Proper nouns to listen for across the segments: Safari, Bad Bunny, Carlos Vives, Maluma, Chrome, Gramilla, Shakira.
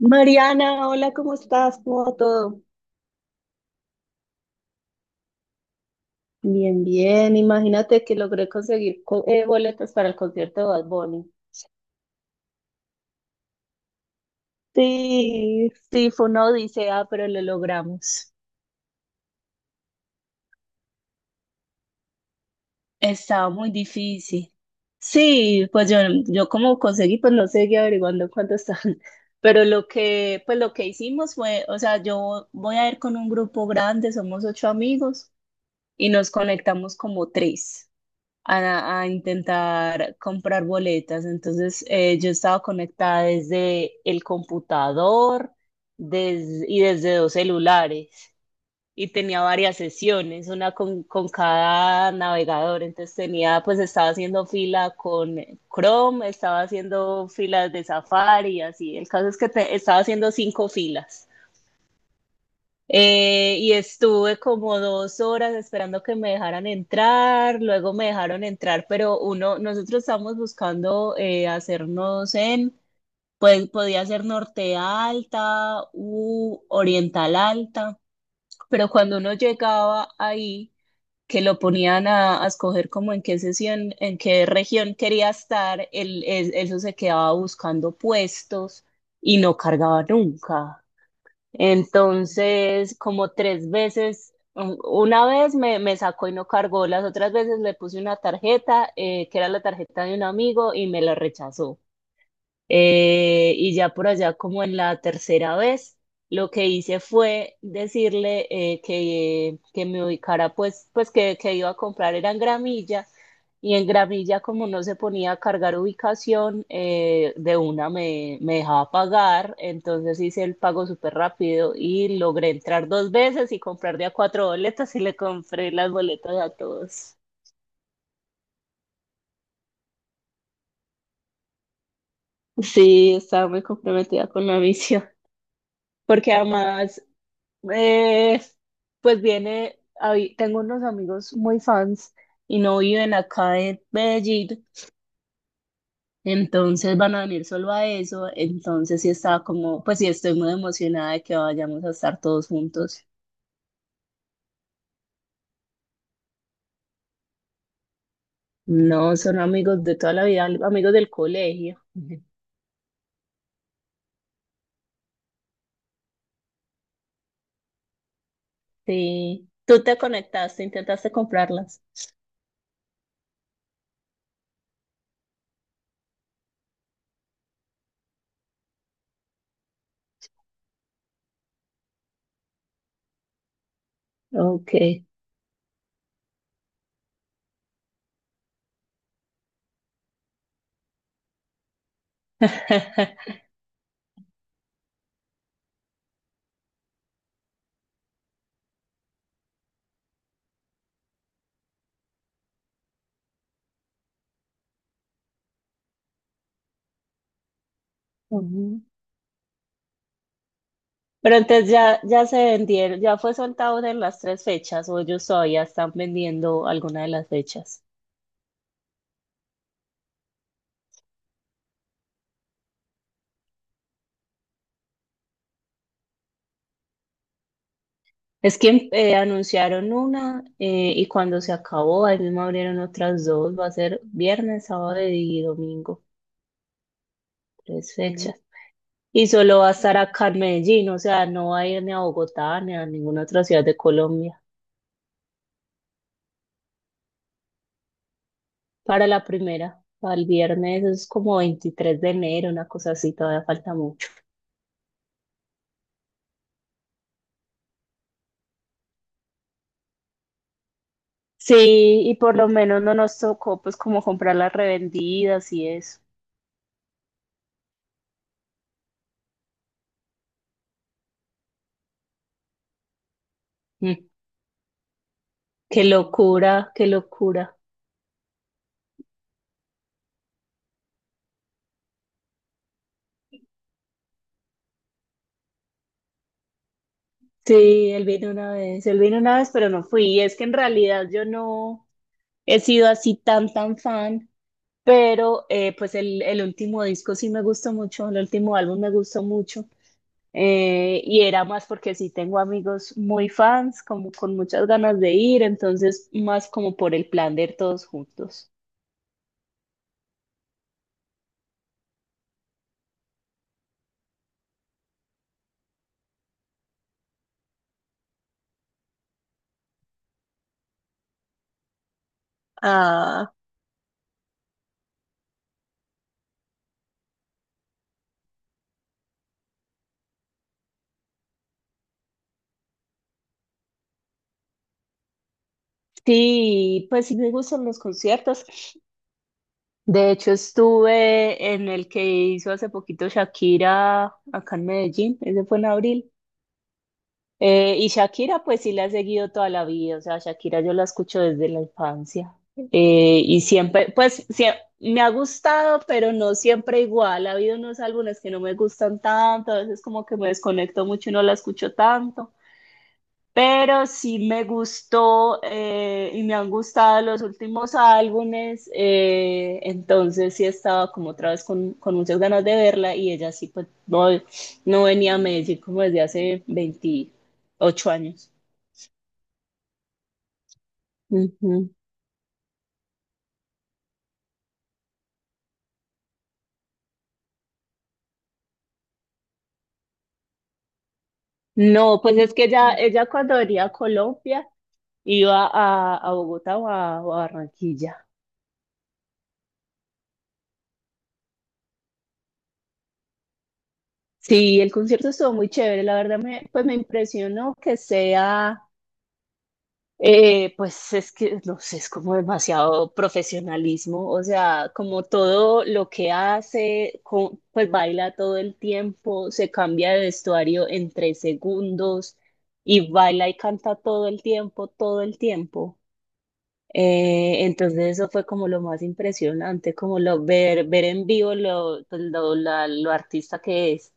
Mariana, hola, ¿cómo estás? ¿Cómo va todo? Bien, bien. Imagínate que logré conseguir boletas para el concierto de Bad Bunny. Sí, sí, fue una odisea, pero lo logramos. Estaba muy difícil. Sí, pues yo como conseguí, pues no seguí averiguando cuánto están. Pero pues lo que hicimos fue, o sea, yo voy a ir con un grupo grande, somos ocho amigos y nos conectamos como tres a intentar comprar boletas. Entonces, yo estaba conectada desde el computador y desde dos celulares y tenía varias sesiones, una con cada navegador. Entonces, pues estaba haciendo fila con Chrome, estaba haciendo filas de Safari y así. El caso es que estaba haciendo cinco filas. Y estuve como 2 horas esperando que me dejaran entrar, luego me dejaron entrar, pero nosotros estamos buscando hacernos en, pues podía ser norte alta u oriental alta, pero cuando uno llegaba ahí, que lo ponían a escoger como en qué sesión, en qué región quería estar, eso se quedaba buscando puestos y no cargaba nunca. Entonces, como tres veces, una vez me sacó y no cargó, las otras veces le puse una tarjeta, que era la tarjeta de un amigo, y me la rechazó. Y ya por allá, como en la tercera vez, lo que hice fue decirle que me ubicara, pues que iba a comprar era en Gramilla. Y en Gramilla, como no se ponía a cargar ubicación, de una me dejaba pagar. Entonces hice el pago súper rápido y logré entrar dos veces y comprar de a cuatro boletas y le compré las boletas a todos. Sí, estaba muy comprometida con la misión. Porque además, Eh, pues viene, tengo unos amigos muy fans y no viven acá en Medellín, entonces van a venir solo a eso, entonces sí estaba como, pues sí estoy muy emocionada de que vayamos a estar todos juntos. No, son amigos de toda la vida, amigos del colegio. Ujú. Sí, tú te conectaste, intentaste comprarlas. Ok. Ujú. Pero entonces ya, ya se vendieron, ¿ya fue soltado en las tres fechas o ellos todavía están vendiendo alguna de las fechas? Es que anunciaron una, y cuando se acabó, ahí mismo abrieron otras dos, va a ser viernes, sábado y domingo, tres fechas. Y solo va a estar acá en Medellín, o sea, no va a ir ni a Bogotá ni a ninguna otra ciudad de Colombia. Para la primera, para el viernes, es como 23 de enero, una cosa así, todavía falta. Sí, y por lo menos no nos tocó, pues, como comprar las revendidas y eso. Mm, Qué locura, qué locura. Sí, él vino una vez, él vino una vez, pero no fui. Y es que en realidad yo no he sido así tan, tan fan, pero pues el último disco sí me gustó mucho, el último álbum me gustó mucho. Y era más porque sí tengo amigos muy fans, como con muchas ganas de ir, entonces más como por el plan de ir todos juntos. Ah. Sí, pues sí me gustan los conciertos. De hecho, estuve en el que hizo hace poquito Shakira acá en Medellín, ese fue en abril. Y Shakira, pues sí la he seguido toda la vida, o sea, Shakira yo la escucho desde la infancia. Y siempre, pues me ha gustado, pero no siempre igual. Ha habido unos álbumes que no me gustan tanto, a veces como que me desconecto mucho y no la escucho tanto, pero sí me gustó, y me han gustado los últimos álbumes, entonces sí estaba como otra vez con, muchas ganas de verla y ella sí, pues no, no venía a Medellín como desde hace 28 años. Ujú. No, pues es que ella cuando venía a Colombia iba a Bogotá o a Barranquilla. Sí, el concierto estuvo muy chévere, la verdad pues me impresionó que sea. Pues es que, no sé, es como demasiado profesionalismo, o sea, como todo lo que hace, pues baila todo el tiempo, se cambia de vestuario en 3 segundos y baila y canta todo el tiempo, todo el tiempo. Entonces eso fue como lo más impresionante, como ver en vivo lo artista que es.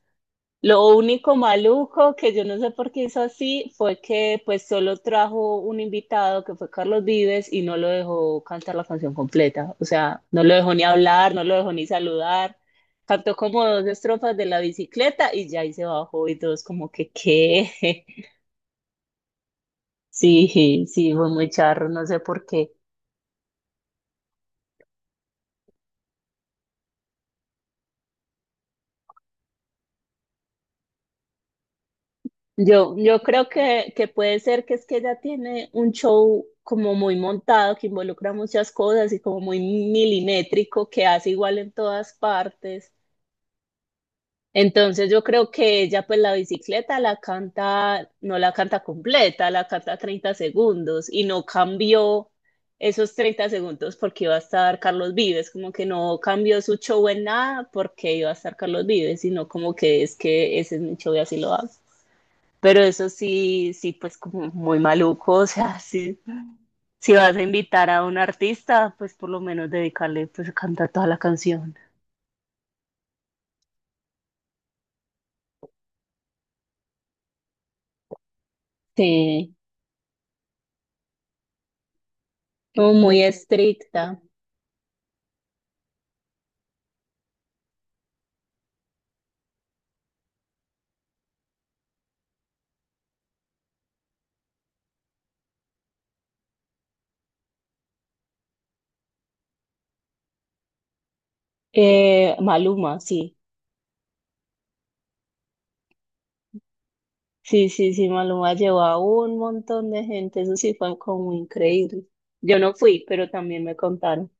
Lo único maluco, que yo no sé por qué hizo así, fue que pues solo trajo un invitado que fue Carlos Vives y no lo dejó cantar la canción completa. O sea, no lo dejó ni hablar, no lo dejó ni saludar. Cantó como dos estrofas de la bicicleta y ya ahí se bajó y todos como que qué. Sí, sí, fue muy charro, no sé por qué. Yo creo que puede ser que es que ella tiene un show como muy montado, que involucra muchas cosas y como muy milimétrico, que hace igual en todas partes. Entonces yo creo que ella, pues, la bicicleta la canta, no la canta completa, la canta 30 segundos y no cambió esos 30 segundos porque iba a estar Carlos Vives, como que no cambió su show en nada porque iba a estar Carlos Vives, sino como que es que ese es mi show y así lo hago. Pero eso sí, sí, pues, como muy maluco, o sea, sí, si vas a invitar a un artista, pues por lo menos dedicarle, pues, a cantar toda la canción. Sí, como muy estricta. Maluma, sí, sí, sí, sí, Maluma llevó a un montón de gente, eso sí fue como increíble. Yo no fui, pero también me contaron.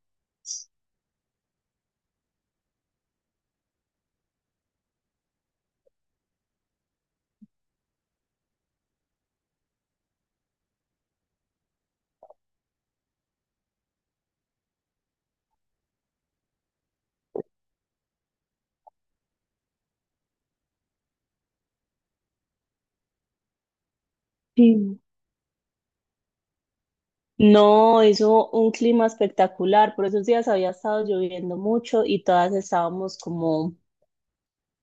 Sí. No, hizo un clima espectacular, por esos días había estado lloviendo mucho y todas estábamos como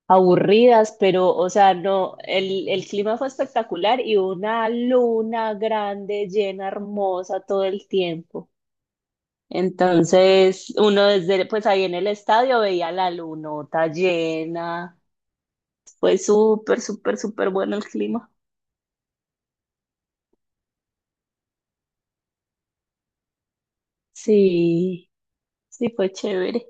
aburridas, pero, o sea, no, el clima fue espectacular y una luna grande, llena, hermosa todo el tiempo. Entonces, uno pues ahí en el estadio veía la lunota llena. Fue súper, súper, súper bueno el clima. Sí, sí, fue chévere.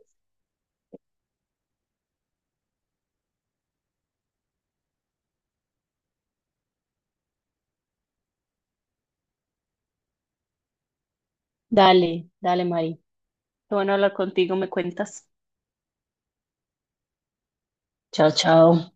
Dale, dale, Mari. Qué bueno hablar contigo, me cuentas. Chao, chao.